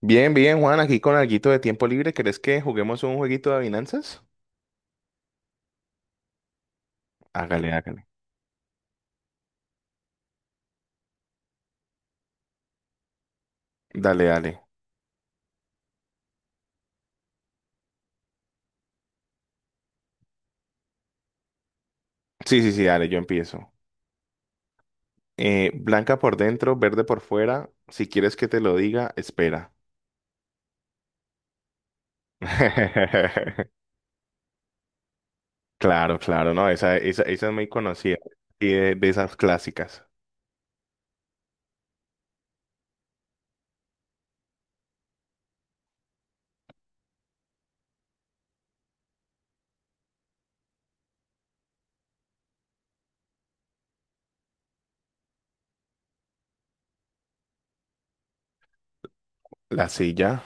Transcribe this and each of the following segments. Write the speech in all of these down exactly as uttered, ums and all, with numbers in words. Bien, bien, Juan, aquí con alguito de tiempo libre. ¿Querés que juguemos un jueguito de adivinanzas? Hágale, hágale. Dale, dale. Sí, sí, sí, dale, yo empiezo. Eh, blanca por dentro, verde por fuera. Si quieres que te lo diga, espera. Claro, claro, no, esa, esa, esa es muy conocida. Y de, de esas clásicas. La silla.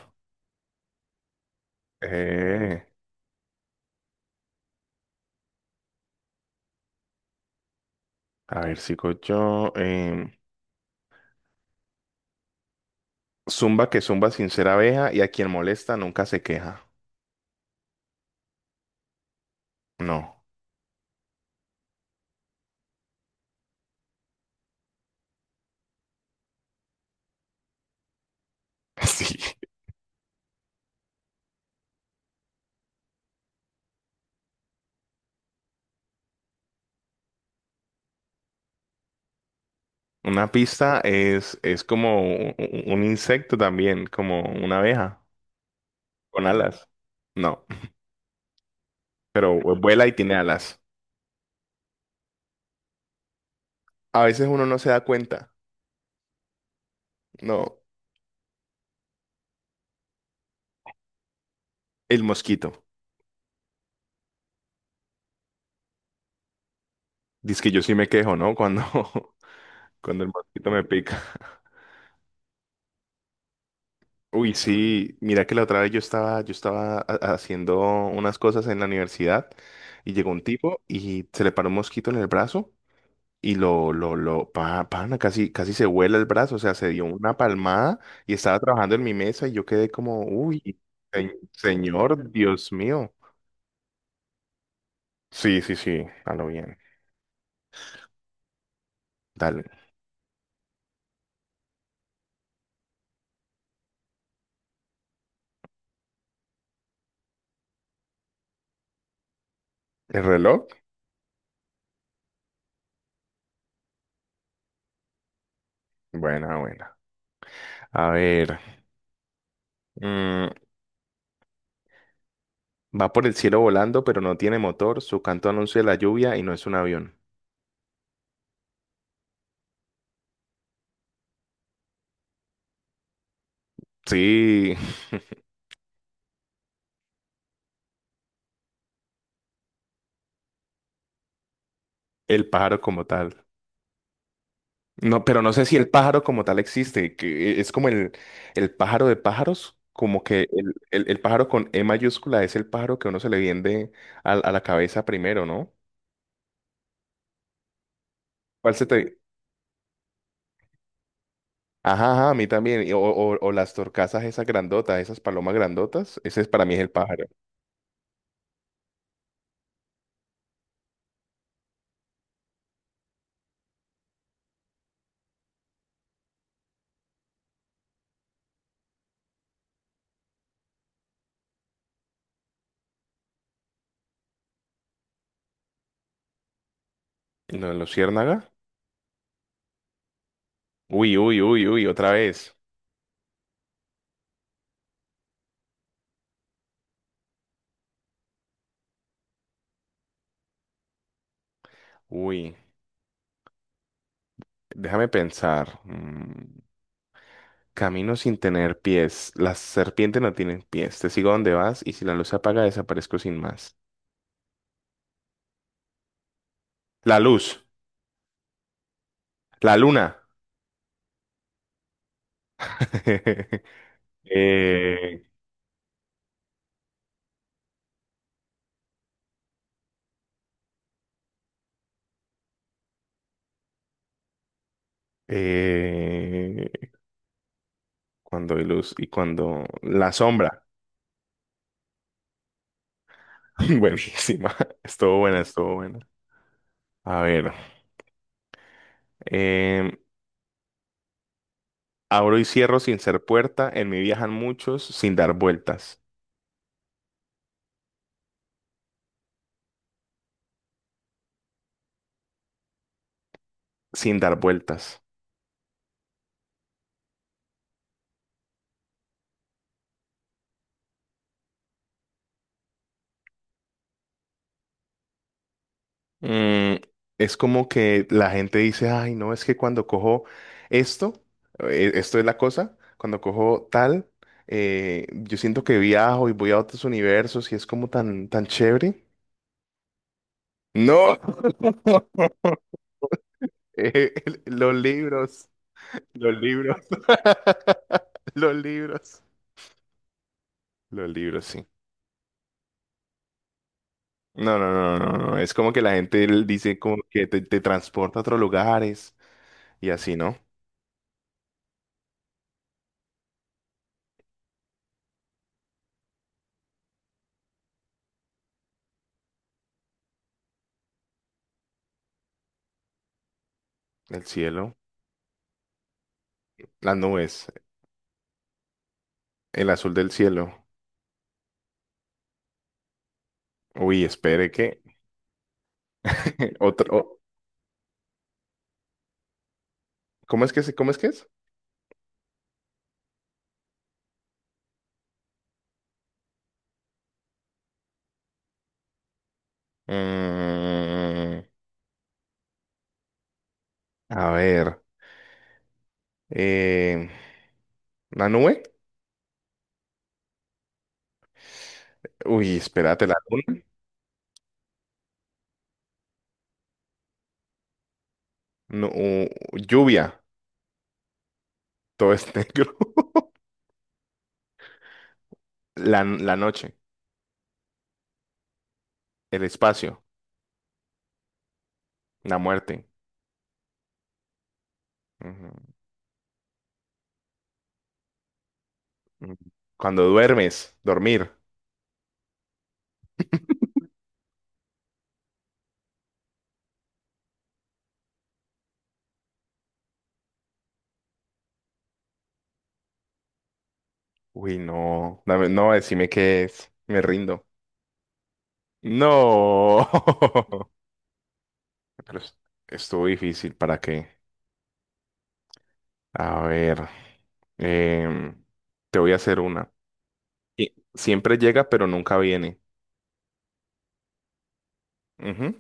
Eh, a ver, sigo yo. Em, zumba que zumba sin ser abeja y a quien molesta nunca se queja. No. Sí. Una pista es, es como u- un, insecto también, como una abeja, con alas. No, pero vuela y tiene alas. A veces uno no se da cuenta. No, el mosquito. Dice que yo sí me quejo, ¿no? Cuando, cuando el mosquito me pica. Uy, sí, mira que la otra vez yo estaba, yo estaba ha- haciendo unas cosas en la universidad y llegó un tipo y se le paró un mosquito en el brazo. Y lo, lo, lo, pa- pana, casi, casi se vuela el brazo, o sea, se dio una palmada y estaba trabajando en mi mesa y yo quedé como, uy, se- señor, Dios mío. Sí, sí, sí, a lo bien. Dale. ¿El reloj? Buena, buena. A ver, mm, va por el cielo volando, pero no tiene motor, su canto anuncia la lluvia y no es un avión. Sí, el pájaro como tal. No, pero no sé si el pájaro como tal existe, que e, es como el, el pájaro de pájaros, como que el, el- el pájaro con E mayúscula es el pájaro que uno se le viene a, a la cabeza primero, ¿no? ¿Cuál se te...? Ajá, ajá, a mí también. Y O, o- o las torcazas esas grandotas, esas palomas grandotas, ese es, para mí es el pájaro. ¿No, luciérnaga? Uy, uy, uy, uy, otra vez. Uy, déjame pensar. Mm, camino sin tener pies. Las serpientes no tienen pies. Te sigo donde vas y si la luz se apaga, desaparezco sin más. La luz, la luna. Eh, eh, Cuando hay luz y cuando la sombra. Buenísima. Estuvo buena, estuvo buena. A ver. em, Abro y cierro sin ser puerta. En mí viajan muchos sin dar vueltas. Sin dar vueltas. Mm, es como que la gente dice, ay, no, es que cuando cojo esto, eh, esto es la cosa, cuando cojo tal, eh, yo siento que viajo y voy a otros universos y es como tan, tan chévere. No, Eh, los libros, los libros, los libros, los libros, sí. No, no, no, no, no, es como que la gente l- dice como que te, te transporta a otros lugares y así, ¿no? El cielo, las nubes, el azul del cielo. Uy, espere que otro. o- ¿Cómo es que se, cómo es que es? Mm, a ver, eh, ¿la nube? Uy, espérate, la luna. No, u- lluvia. Todo es negro. La, la noche, el espacio, la muerte. Ujú, ujú. Cuando duermes, dormir. Uy, no, dame- no, decime qué es. Me rindo. No. Pero es- estuvo difícil, ¿para qué? A ver, em, te voy a hacer una. Y siempre llega, pero nunca viene. Ujú.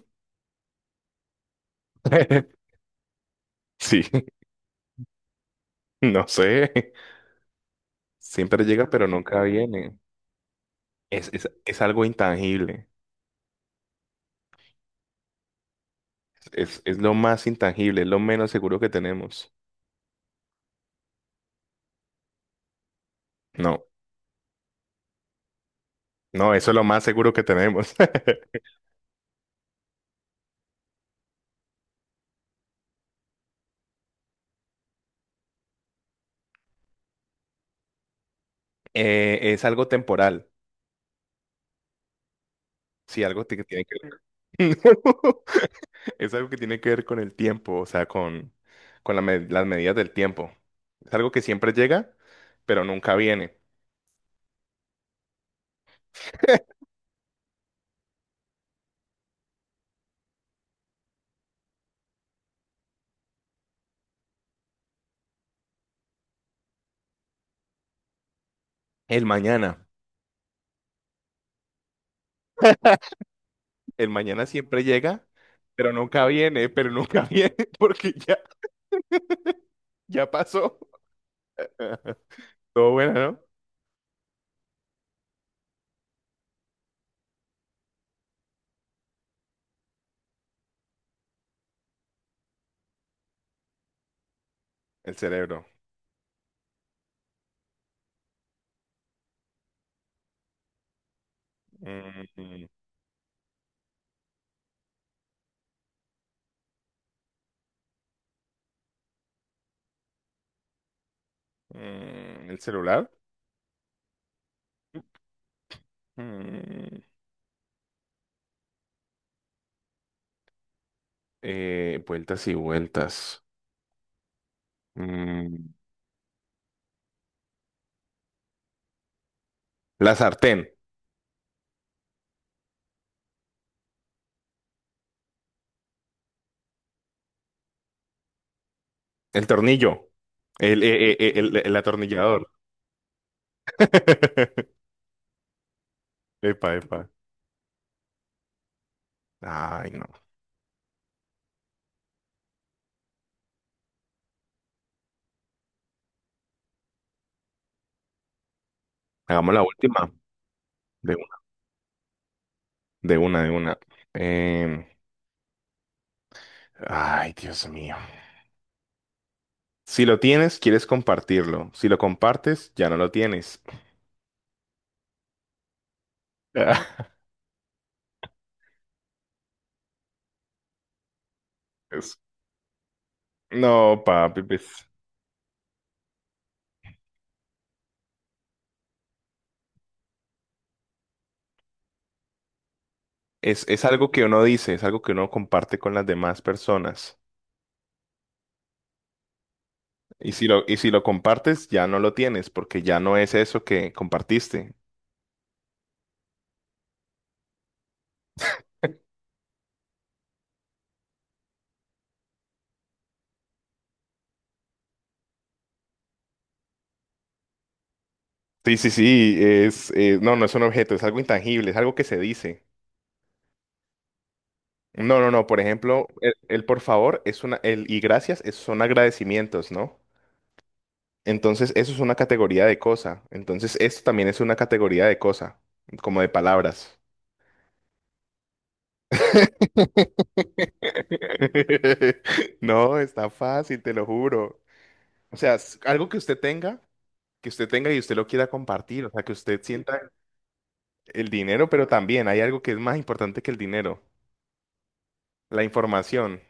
Sí, no sé. Siempre llega, pero nunca viene. Es, es, es algo intangible. Es, es lo más intangible, es lo menos seguro que tenemos. No, no, eso es lo más seguro que tenemos. Eh, es algo temporal. Sí, algo que tiene que ver. Es algo que tiene que ver con el tiempo, o sea, con, con la med- las medidas del tiempo. Es algo que siempre llega, pero nunca viene. El mañana. El mañana siempre llega, pero nunca viene, pero nunca viene, porque ya, ya pasó. Todo bueno, ¿no? El cerebro. Mm, mm, el celular. Mm, eh, vueltas y vueltas. Mm, la sartén. El tornillo. El, eh, eh, eh, el, el atornillador. Epa, epa. Ay, no. Hagamos la última. De una, de una, de una. Em, ay, Dios mío. Si lo tienes, quieres compartirlo. Si lo compartes, ya no lo tienes. Ah, es- no, papi, pues, Es, es algo que uno dice, es algo que uno comparte con las demás personas. Y si lo, y si lo compartes, ya no lo tienes, porque ya no es eso que compartiste. Sí, sí, sí, es, eh, no, no es un objeto, es algo intangible, es algo que se dice. No, no, no. Por ejemplo, el, el por favor es una, el y gracias es- son agradecimientos, ¿no? Entonces, eso es una categoría de cosa. Entonces, esto también es una categoría de cosa, como de palabras. No, está fácil, te lo juro. O sea, s- algo que usted tenga, que usted tenga y usted lo quiera compartir, o sea, que usted sienta el dinero, pero también hay algo que es más importante que el dinero, la información.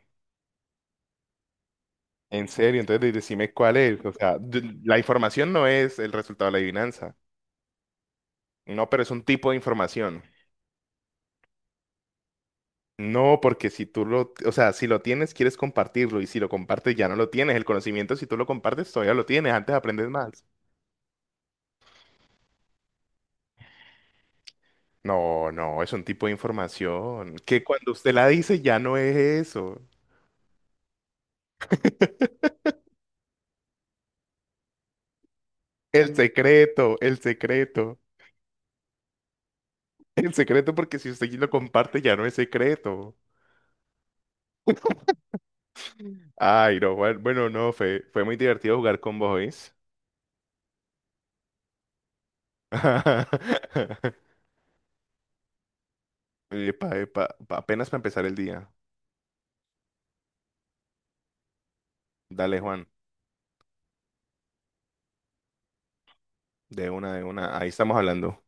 En serio, entonces de- decime cuál es. O sea, d- la información no es el resultado de la adivinanza. No, pero es un tipo de información. No, porque si tú lo, o sea, si lo tienes, quieres compartirlo y si lo compartes, ya no lo tienes. El conocimiento, si tú lo compartes, todavía lo tienes, antes aprendes más. No, no, es un tipo de información que cuando usted la dice ya no es eso. El secreto, el secreto, el secreto porque si usted lo comparte ya no es secreto. Ay, no, Juan, bueno, no, fue, fue muy divertido jugar con vos, ¿oís? Epa, epa, apenas para empezar el día. Dale, Juan. De una, de una. Ahí estamos hablando.